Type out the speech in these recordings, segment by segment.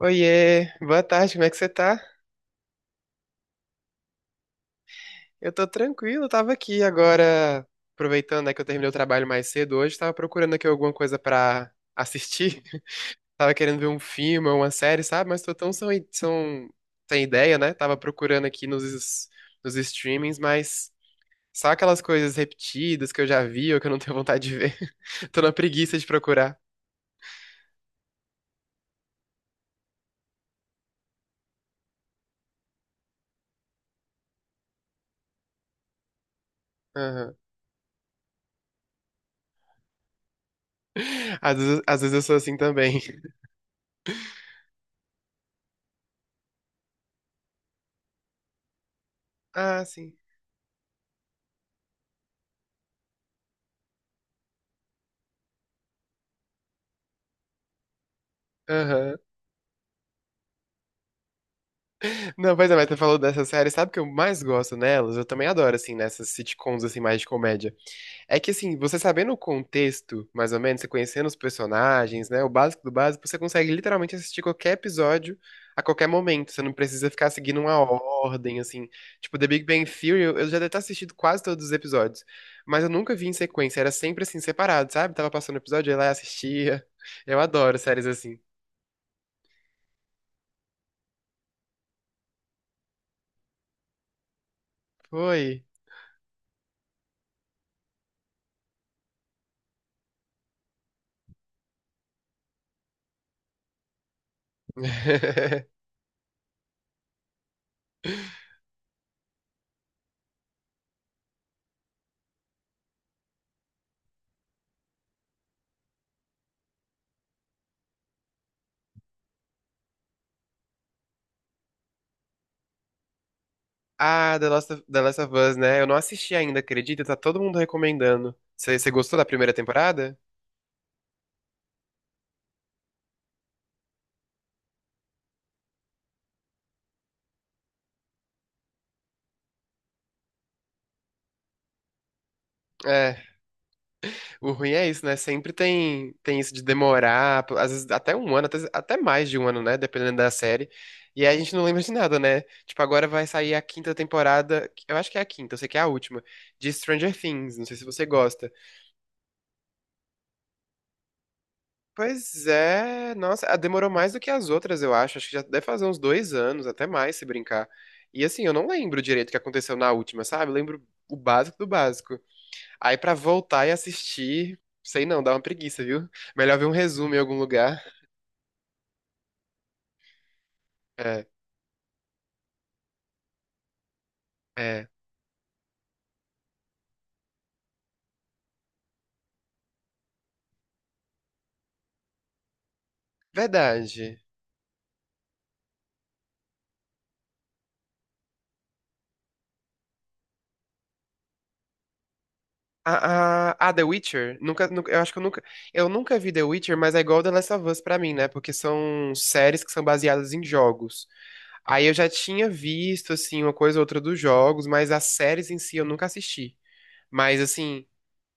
Oiê, boa tarde, como é que você tá? Eu tô tranquilo, tava aqui agora, aproveitando, né, que eu terminei o trabalho mais cedo hoje, tava procurando aqui alguma coisa pra assistir. Tava querendo ver um filme ou uma série, sabe? Mas tô tão sem, sem ideia, né? Tava procurando aqui nos streamings, mas só aquelas coisas repetidas que eu já vi ou que eu não tenho vontade de ver. Tô na preguiça de procurar. Às vezes eu sou assim também. Ah, sim. Aham. Não, pois é, mas tu falou dessa série, sabe o que eu mais gosto nelas? Eu também adoro, assim, nessas sitcoms, assim, mais de comédia. É que, assim, você sabendo o contexto, mais ou menos, você conhecendo os personagens, né, o básico do básico, você consegue literalmente assistir qualquer episódio a qualquer momento. Você não precisa ficar seguindo uma ordem, assim. Tipo, The Big Bang Theory, eu já devo ter assistido quase todos os episódios, mas eu nunca vi em sequência, era sempre, assim, separado, sabe? Tava passando o episódio, eu ia lá e assistia. Eu adoro séries assim. Foi. Ah, The Last of Us, né? Eu não assisti ainda, acredita? Tá todo mundo recomendando. Você gostou da primeira temporada? É, o ruim é isso, né? Tem isso de demorar, às vezes até um ano, até mais de um ano, né? Dependendo da série. E aí a gente não lembra de nada, né? Tipo, agora vai sair a quinta temporada, eu acho que é a quinta, eu sei que é a última, de Stranger Things. Não sei se você gosta. Pois é, nossa, ah, demorou mais do que as outras, eu acho. Acho que já deve fazer uns 2 anos, até mais, se brincar. E assim, eu não lembro direito o que aconteceu na última, sabe? Eu lembro o básico do básico. Aí pra voltar e assistir, sei não, dá uma preguiça, viu? Melhor ver um resumo em algum lugar. É, é. Verdade. A The Witcher, eu acho que eu nunca vi The Witcher, mas é igual The Last of Us pra mim, né? Porque são séries que são baseadas em jogos. Aí eu já tinha visto, assim, uma coisa ou outra dos jogos, mas as séries em si eu nunca assisti. Mas, assim,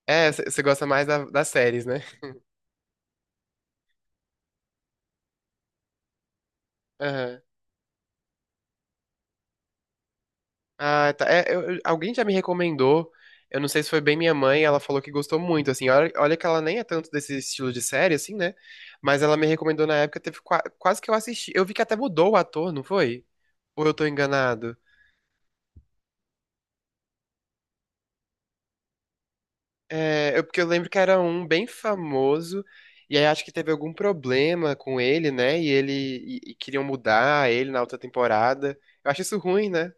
é, você gosta mais das séries, né? Aham. Ah, tá. É, alguém já me recomendou, eu não sei se foi bem minha mãe, ela falou que gostou muito, assim. Olha que ela nem é tanto desse estilo de série, assim, né? Mas ela me recomendou na época, teve quase que eu assisti. Eu vi que até mudou o ator, não foi? Ou eu tô enganado? É, eu, porque eu lembro que era um bem famoso, e aí acho que teve algum problema com ele, né? E queriam mudar ele na outra temporada. Eu acho isso ruim, né?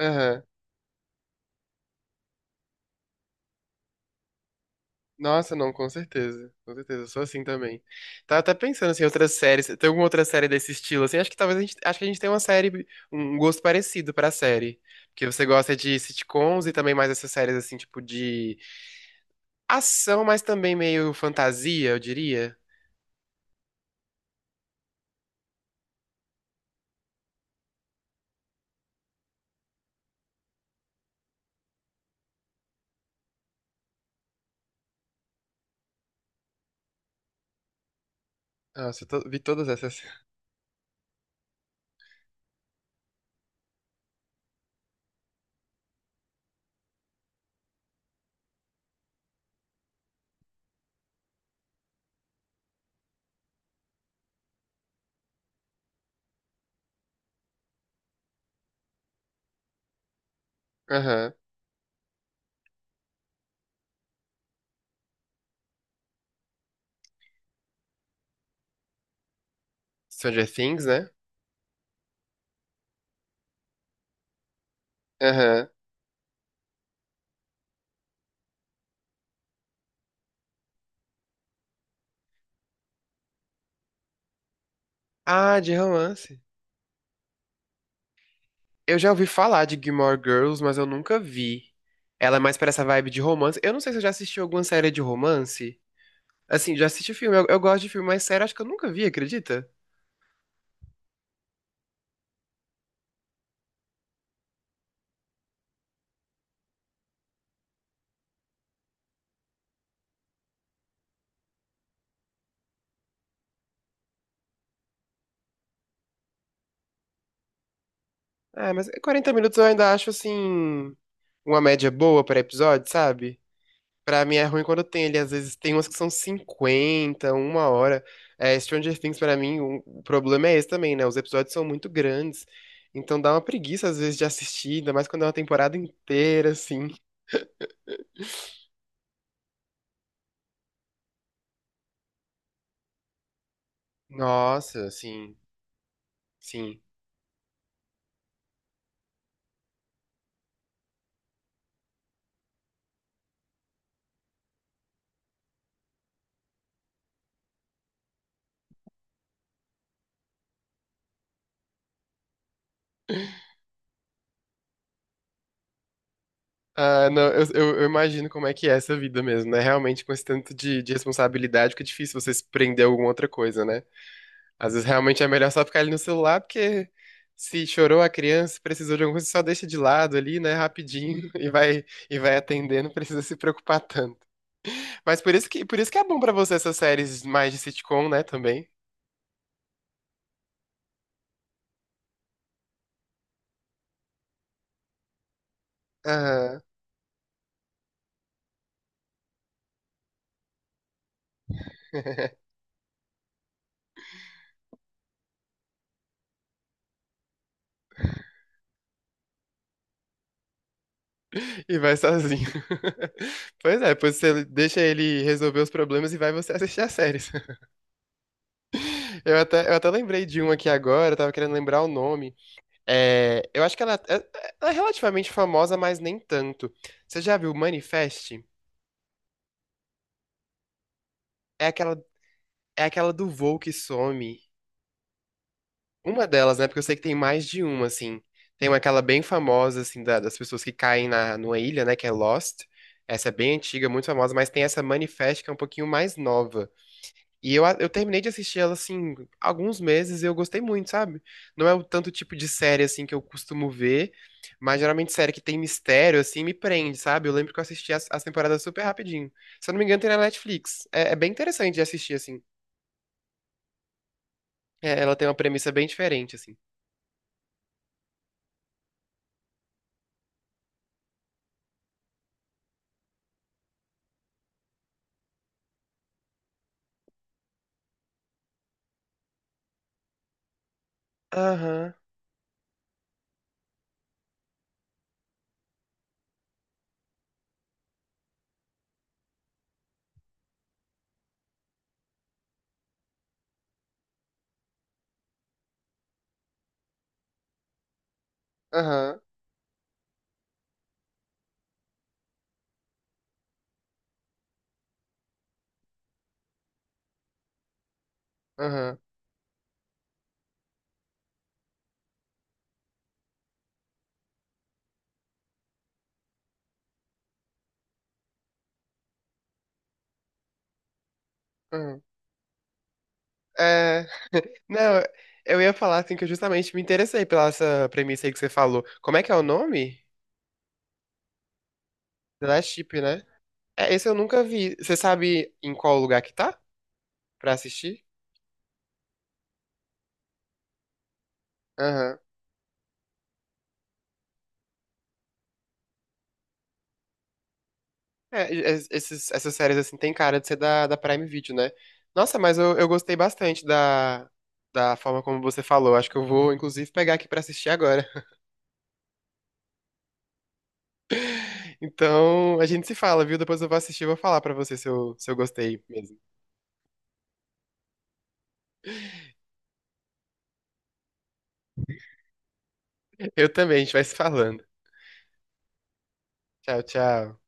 Aham. Nossa, não, com certeza. Com certeza, eu sou assim também. Tava até pensando assim, outras séries. Tem alguma outra série desse estilo? Assim, acho que a gente tem uma série, um gosto parecido pra série. Porque você gosta de sitcoms e também mais essas séries assim, tipo de ação, mas também meio fantasia, eu diria. Nossa, eu vi todas essas. Aham. Stranger Things, né? Aham. Ah, de romance. Eu já ouvi falar de Gilmore Girls, mas eu nunca vi. Ela é mais pra essa vibe de romance. Eu não sei se eu já assisti alguma série de romance. Assim, já assisti filme. Eu gosto de filme, mas série acho que eu nunca vi, acredita? Ah, mas 40 minutos eu ainda acho, assim, uma média boa pra episódio, sabe? Pra mim é ruim quando tem ele. Às vezes tem umas que são 50 uma hora. É, Stranger Things, pra mim, o problema é esse também, né? Os episódios são muito grandes. Então dá uma preguiça, às vezes, de assistir, ainda mais quando é uma temporada inteira, assim. Nossa, sim. Ah, não, eu imagino como é que é essa vida mesmo, né? Realmente, com esse tanto de responsabilidade, fica difícil você se prender a alguma outra coisa, né? Às vezes realmente é melhor só ficar ali no celular, porque se chorou a criança, precisou de alguma coisa, só deixa de lado ali, né, rapidinho e vai atendendo, não precisa se preocupar tanto. Mas por isso que é bom pra você essas séries mais de sitcom, né, também. Aham. E vai sozinho. Pois é, depois você deixa ele resolver os problemas e vai você assistir as séries. Eu até lembrei de um aqui agora, eu tava querendo lembrar o nome. É, eu acho que ela é relativamente famosa, mas nem tanto. Você já viu Manifest? É aquela, é aquela do voo que some. Uma delas, né? Porque eu sei que tem mais de uma, assim. Tem uma, aquela bem famosa, assim, das pessoas que caem na, numa ilha, né? Que é Lost. Essa é bem antiga, muito famosa, mas tem essa Manifest que é um pouquinho mais nova. E eu, eu terminei de assistir ela, assim, alguns meses e eu gostei muito, sabe? Não é o tanto tipo de série, assim, que eu costumo ver, mas geralmente série que tem mistério, assim, me prende, sabe? Eu lembro que eu assisti as temporadas super rapidinho. Se eu não me engano, tem na Netflix. É, é bem interessante de assistir, assim. É, ela tem uma premissa bem diferente, assim. Aham, aham, aham, aham. É, não, eu ia falar, assim, que eu justamente me interessei pela essa premissa aí que você falou. Como é que é o nome? The Last Ship, né? É, esse eu nunca vi. Você sabe em qual lugar que tá pra assistir? Aham. É, esses, essas séries, assim, tem cara de ser da Prime Video, né? Nossa, mas eu gostei bastante da forma como você falou. Acho que eu vou, inclusive, pegar aqui pra assistir agora. Então, a gente se fala, viu? Depois eu vou assistir e vou falar pra você se eu, se eu gostei mesmo. Eu também, a gente vai se falando. Tchau, tchau.